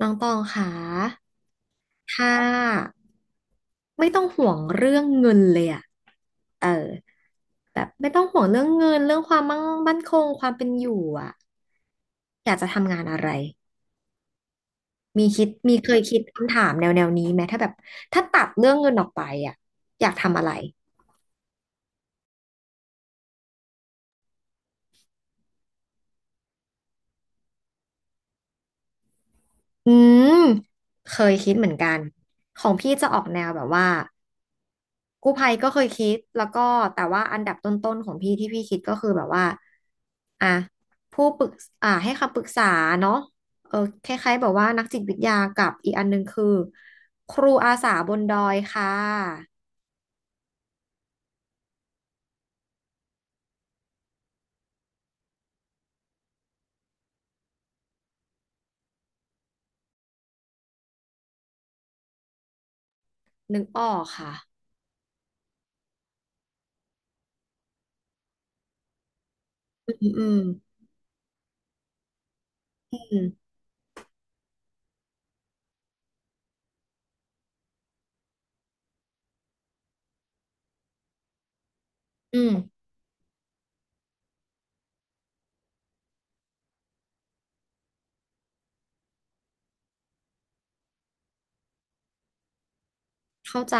น้องตองค่ะถ้าไม่ต้องห่วงเรื่องเงินเลยอะ เออ แบบไม่ต้องห่วงเรื่องเงินเรื่องความมั่งมั่นคงความเป็นอยู่อะ อยากจะทำงานอะไร มีคิดมีเคยคิดคำถามแนวนี้ไหมถ้าแบบถ้าตัดเรื่องเงินออกไปอะอยากทำอะไรอืมเคยคิดเหมือนกันของพี่จะออกแนวแบบว่า กู้ภัยก็เคยคิดแล้วก็แต่ว่าอันดับต้นๆของพี่ที่พี่คิดก็คือแบบว่าอ่ะผู้ปรึกให้คำปรึกษาเนาะเออคล้ายๆแบบว่านักจิตวิทยากับอีกอันหนึงคือครูอาสาบนดอยค่ะนึกออกค่ะอืมอืมอืมอืม เข้าใจ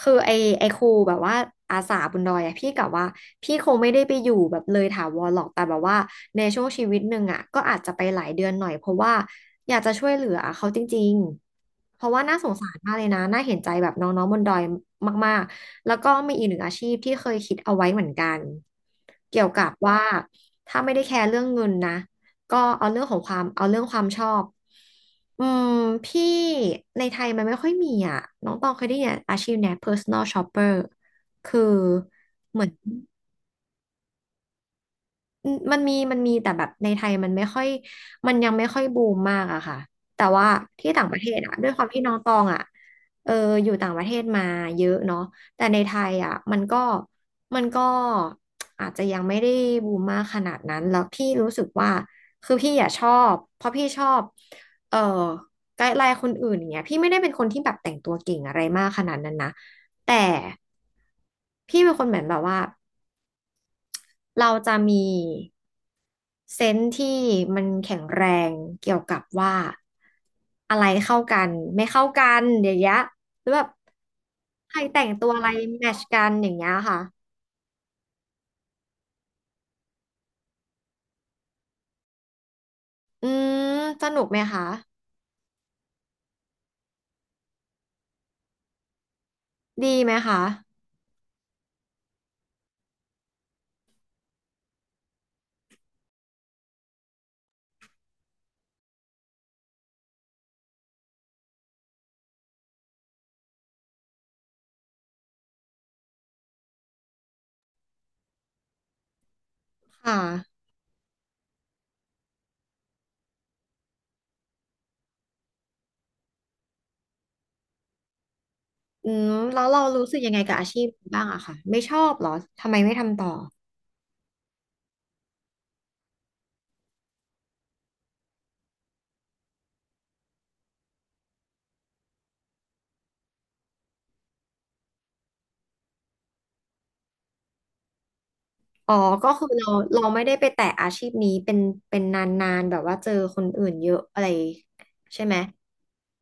คือไอครูแบบว่าอาสาบนดอยอะพี่กะว่าพี่คงไม่ได้ไปอยู่แบบเลยถาวรหรอกแต่แบบว่าในช่วงชีวิตหนึ่งอะก็อาจจะไปหลายเดือนหน่อยเพราะว่าอยากจะช่วยเหลือเขาจริงๆเพราะว่าน่าสงสารมากเลยนะน่าเห็นใจแบบน้องๆบนดอยมากๆแล้วก็มีอีกหนึ่งอาชีพที่เคยคิดเอาไว้เหมือนกันเกี่ยวกับว่าถ้าไม่ได้แคร์เรื่องเงินนะ ก็เอาเรื่องของความเอาเรื่องความชอบ อืมพี่ในไทยมันไม่ค่อยมีอ่ะน้องตองเคยได้ยินอาชีพเนี้ย personal shopper คือ อืมมันมีแต่แบบในไทยมันไม่ค่อยยังไม่ค่อยบูมมากอะค่ะแต่ว่าที่ต่างประเทศอะด้วยความที่น้องตองอะเอออยู่ต่างประเทศมาเยอะเนาะแต่ในไทยอะมันก็อาจจะยังไม่ได้บูมมากขนาดนั้นแล้วพี่รู้สึกว่าคือพี่อะชอบเพราะพี่ชอบเออไกด์ไลน์คนอื่นอย่างเงี้ยพี่ไม่ได้เป็นคนที่แบบแต่งตัวเก่งอะไรมากขนาดนั้นนะแต่พี่เป็นคนเหมือนแบบว่า เราจะมีเซนส์ที่มันแข็งแรงเกี่ยวกับว่าอะไรเข้ากันไม่เข้ากันอย่างเงี้ยหรือแบบใครแต่งตัวอะไรแมทช์กันอย่างเงี้ยค่ะอืมสนุกไหมคะดีไหมคะค่ะอืมแล้วเรารู้สึกยังไงกับอาชีพนี้บ้างอะค่ะไม่ชอบเหรอทำไมไม่ทำต่ออ๋อก็คือเราเราไม่ได้ไปแตะอาชีพนี้เป็นนานๆแบบว่าเจอคนอื่นเยอะอะไรใช่ไหม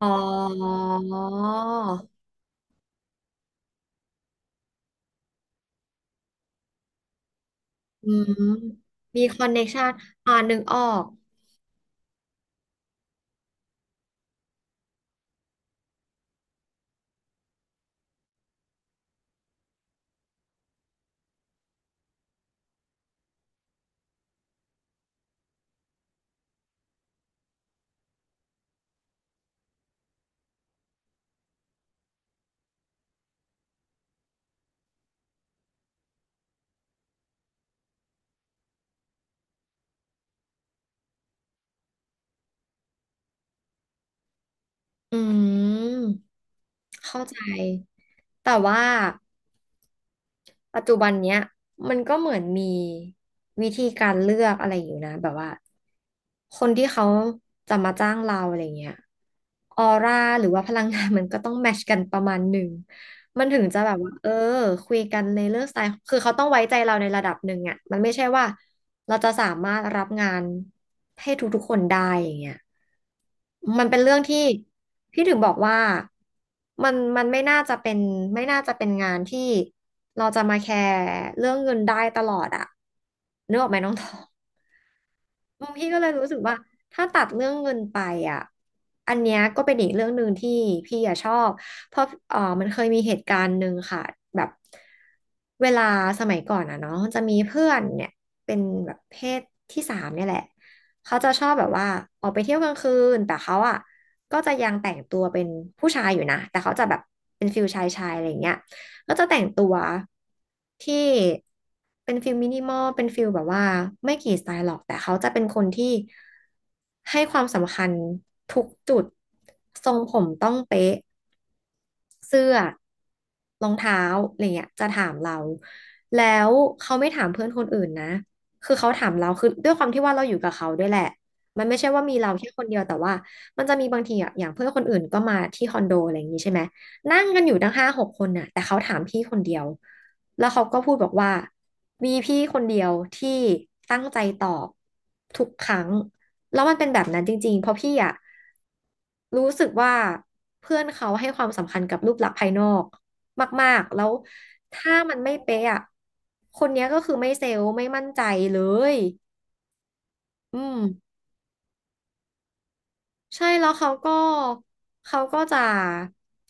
อ๋ออืมมีคอนเน t ชันนึกออก อืม เข้าใจ แต่ว่าปัจจุบันเนี้ยมันก็เหมือนมีวิธีการเลือกอะไรอยู่นะแบบว่าคนที่เขาจะมาจ้างเราอะไรเงี้ยออร่าหรือว่าพลังงาน มันก็ต้องแมชกันประมาณหนึ่งมันถึงจะแบบว่าคุยกันในเรื่องสไตล์คือเขาต้องไว้ใจเราในระดับหนึ่งอ่ะมันไม่ใช่ว่า เราจะสามารถรับงานให้ทุกๆคนได้อย่างเงี้ยมันเป็นเรื่องที่พี่ถึงบอกว่ามันไม่น่าจะเป็นไม่น่าจะเป็นงานที่เราจะมาแคร์เรื่องเงินได้ตลอดอะนึกออกไหมน้อง ตอ บางพี่ก็เลยรู้สึกว่าถ้าตัดเรื่องเงินไปอ่ะ อันเนี้ยก็เป็นอีกเรื่องหนึ่งที่พี่อะชอบ เพราะมันเคยมีเหตุการณ์หนึ่งค่ะแบบเวลาสมัยก่อนอ่ะเนาะมันจะมีเพื่อนเนี่ยเป็นแบบเพศที่สามเนี่ยแหละเขาจะชอบแบบว่าออกไปเที่ยวกลางคืนแต่เขาอ่ะก็จะยังแต่งตัวเป็นผู้ชายอยู่นะแต่เขาจะแบบเป็นฟิลชายชายอะไรอย่างเงี้ย ก็จะแต่งตัวที่เป็นฟิลมินิมอลเป็นฟิลแบบว่าไม่กี่สไตล์หรอกแต่เขาจะเป็นคนที่ให้ความสำคัญทุกจุดทรงผมต้องเป๊ะเสื้อรองเท้าอะไรเงี้ยจะถามเราแล้วเขาไม่ถามเพื่อนคนอื่นนะคือเขาถามเราคือด้วยความที่ว่าเราอยู่กับเขาด้วยแหละมันไม่ใช่ว่ามีเราแค่คนเดียวแต่ว่ามันจะมีบางทีอ่ะอย่างเพื่อนคนอื่นก็มาที่คอนโดอะไรอย่างนี้ใช่ไหม นั่งกันอยู่ตั้งห้าหกคนน่ะแต่เขาถามพี่คนเดียวแล้วเขาก็พูดบอกว่ามีพี่คนเดียวที่ตั้งใจตอบทุกครั้งแล้วมันเป็นแบบนั้นจริงๆเพราะพี่อะรู้สึกว่าเพื่อนเขาให้ความสำคัญกับรูปลักษณ์ภายนอกมากๆแล้วถ้ามันไม่เป๊ะอะคนเนี้ยก็คือไม่เซลล์ไม่มั่นใจเลยอืม ใช่แล้วเขาก็เขาก็จะ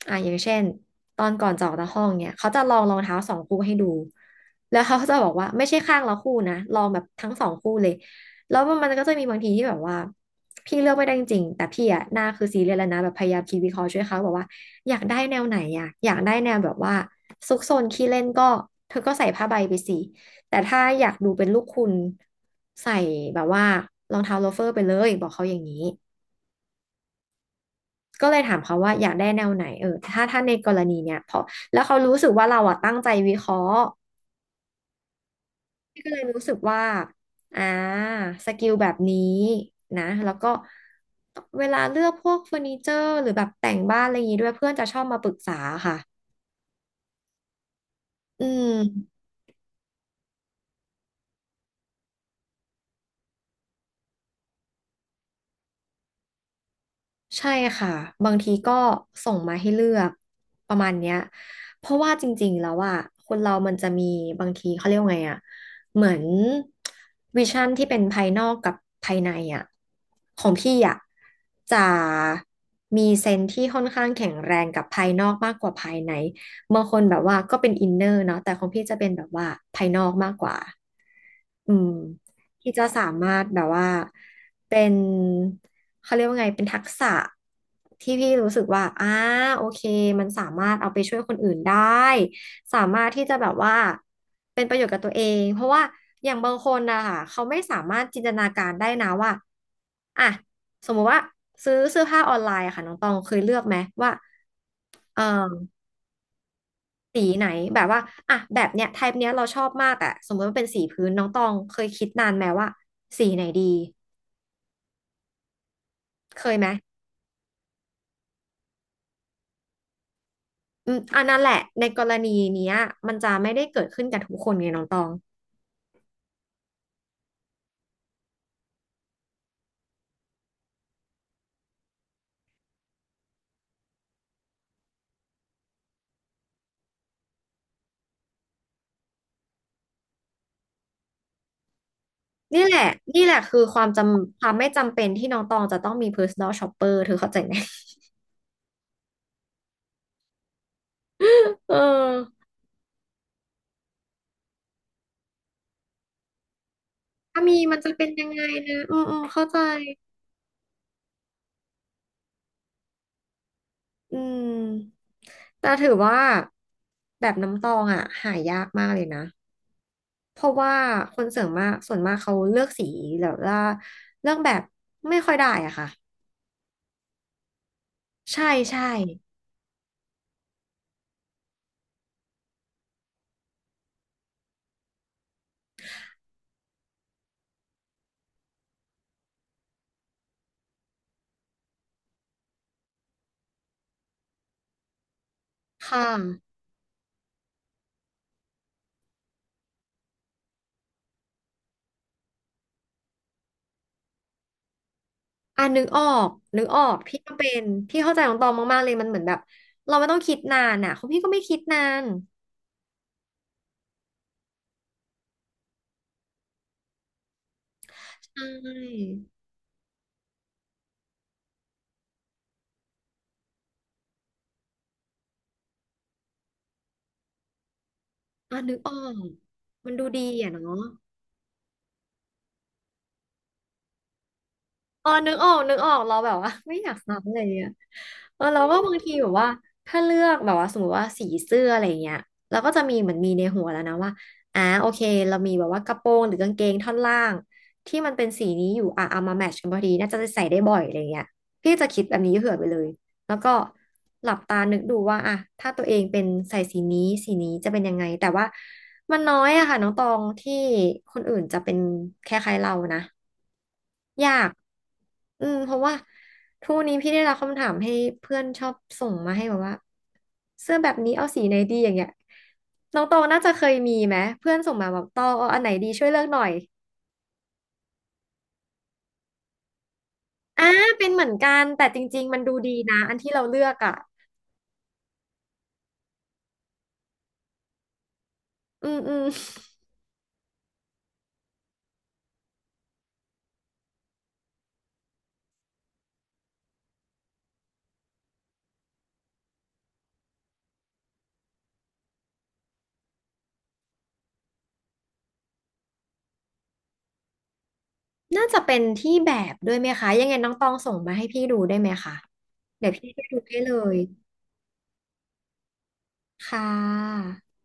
อย่างเช่นตอนก่อนจะออกจากห้องเนี่ยเขาจะลองรองเท้าสองคู่ให้ดูแล้วเขาจะบอกว่าไม่ใช่ข้างละคู่นะลองแบบทั้งสองคู่เลยแล้วมันก็จะมีบางทีที่แบบว่าพี่เลือกไม่ได้จริงๆแต่พี่อะหน้าคือซีเรียสแล้วนะแบบพยายามคิดวิเคราะห์ช่วยเขาบอกว่าอยากได้แนวไหนอะอยากได้แนวแบบว่าซุกซนขี้เล่นก็เธอก็ใส่ผ้าใบไปสิแต่ถ้าอยากดูเป็นลูกคุณใส่แบบว่ารองเท้าโลเฟอร์ไปเลยบอกเขาอย่างนี้ ก็เลยถามเขาว่าอยากได้แนวไหนเออถ้าในกรณีเนี้ยพอแล้วเขารู้สึกว่าเราอะตั้งใจวิเคราะห์พี่ก็เลยรู้สึกว่าอ่าสกิลแบบนี้นะแล้วก็เวลาเลือกพวกเฟอร์นิเจอร์หรือแบบแต่งบ้านอะไรอย่างงี้ด้วยเพื่อนจะชอบมาปรึกษาค่ะอืม ใช่ค่ะบางทีก็ส่งมาให้เลือกประมาณเนี้ยเพราะว่าจริงๆแล้วอ่ะคนเรามันจะมีบางทีเขาเรียกว่าไงอ่ะเหมือนวิชั่นที่เป็นภายนอกกับภายในอ่ะของพี่อ่ะจะมีเซนส์ที่ค่อนข้างแข็งแรงกับภายนอกมากกว่าภายในบางคนแบบว่าก็เป็นอินเนอร์เนาะแต่ของพี่จะเป็นแบบว่าภายนอกมากกว่า อืมที่จะสามารถแบบว่าเป็นเขาเรียกว่าไงเป็นทักษะที่พี่รู้สึกว่าโอเคมันสามารถเอาไปช่วยคนอื่นได้สามารถที่จะแบบว่าเป็นประโยชน์กับตัวเองเพราะว่าอย่างบางคนนะคะเขาไม่สามารถจินตนาการได้นะว่าอ่ะสมมุติว่าซื้อเสื้อผ้าออนไลน์อะค่ะน้องตองเคยเลือกไหมว่าเออ สีไหนแบบว่าอ่ะแบบเนี้ยไทป์เนี้ยเราชอบมากแต่สมมติว่าเป็นสีพื้นน้องตองเคยคิดนานไหมว่าสีไหนดีเคยไหมอืมอันนั้นแหละในกรณีเนี้ยมันจะไม่ได้เกิดขึ้นกับทุกคนไงน้องตองนี่แหละนี่แหละคือความจำความไม่จำเป็นที่น้องตองจะต้องมี personal shopper เธอเข้าใจไหม เออถ้ามีมันจะเป็นยังไงนะอืมอืมเข้าใจอืมแต่ถือว่าแบบน้ำตองอ่ะหายากมากเลยนะ เพราะว่าคนเส่วนมากเขาเลือกสีแบบว่าเลือกแบบไม่ค่อยได้อะค่ะใช่ใช่ค่ะอ่ะนึกออกนึกออกพี่ก็เป็นพี่เข้าใจของตองมากๆเลยมันเหมือนแบบเราไม่ต้องคิดนานอ่ะของพี่ก็ไม่คิดนานใช่อ่ะนึกออกมันดูดีอ่ะเนาะ เออนึกออกนึกออกเราแบบว่า ไม่อยากซักเลยอย่ะเงี้ยเออเราก็บางทีแบบว่าถ้าเลือกแบบว่าสมมติว่าสีเสื้ออะไรอย่างเงี้ยเราก็จะมีเหมือนมีในหัวแล้วนะว่าอ่าโอเคเรามีแบบว่ากระโปรงหรือกางเกงท่อนล่างที่มันเป็นสีนี้อยู่อ่ะเอามาแมทช์กันพอดีน่าจะใส่ได้บ่อยอะไรอย่างเงี้ยพี่จะคิดแบบนี้เผื่อไปเลย แล้วก็หลับตานึกดูว่าอะถ้าตัวเองเป็นใส่สีนี้สีนี้จะเป็นยังไงแต่ว่ามันน้อยอะค่ะน้องตองที่คนอื่นจะเป็นคล้ายๆเรานะยากอืมเพราะว่าทุกวันนี้พี่ได้รับคำถามให้เพื่อนชอบส่งมาให้แบบว่าเสื้อแบบนี้เอาสีไหนดีอย่างเงี้ยน้องตองน่าจะเคยมีไหมเพื่อนส่งมาบอกตองเอาอันไหนดีช่วยเลือกหน่อยอ่าเป็นเหมือนกันแต่จริงๆมันดูดีนะอันที่เราเลือกอ่ะอืมอืม น่าจะเป็นที่แบบด้วยไหมคะยังไงน้องตองส่งมาให้พี่ดูได้ไหมคะเดี๋ยวพี่ไปดูให้เลยค่ะ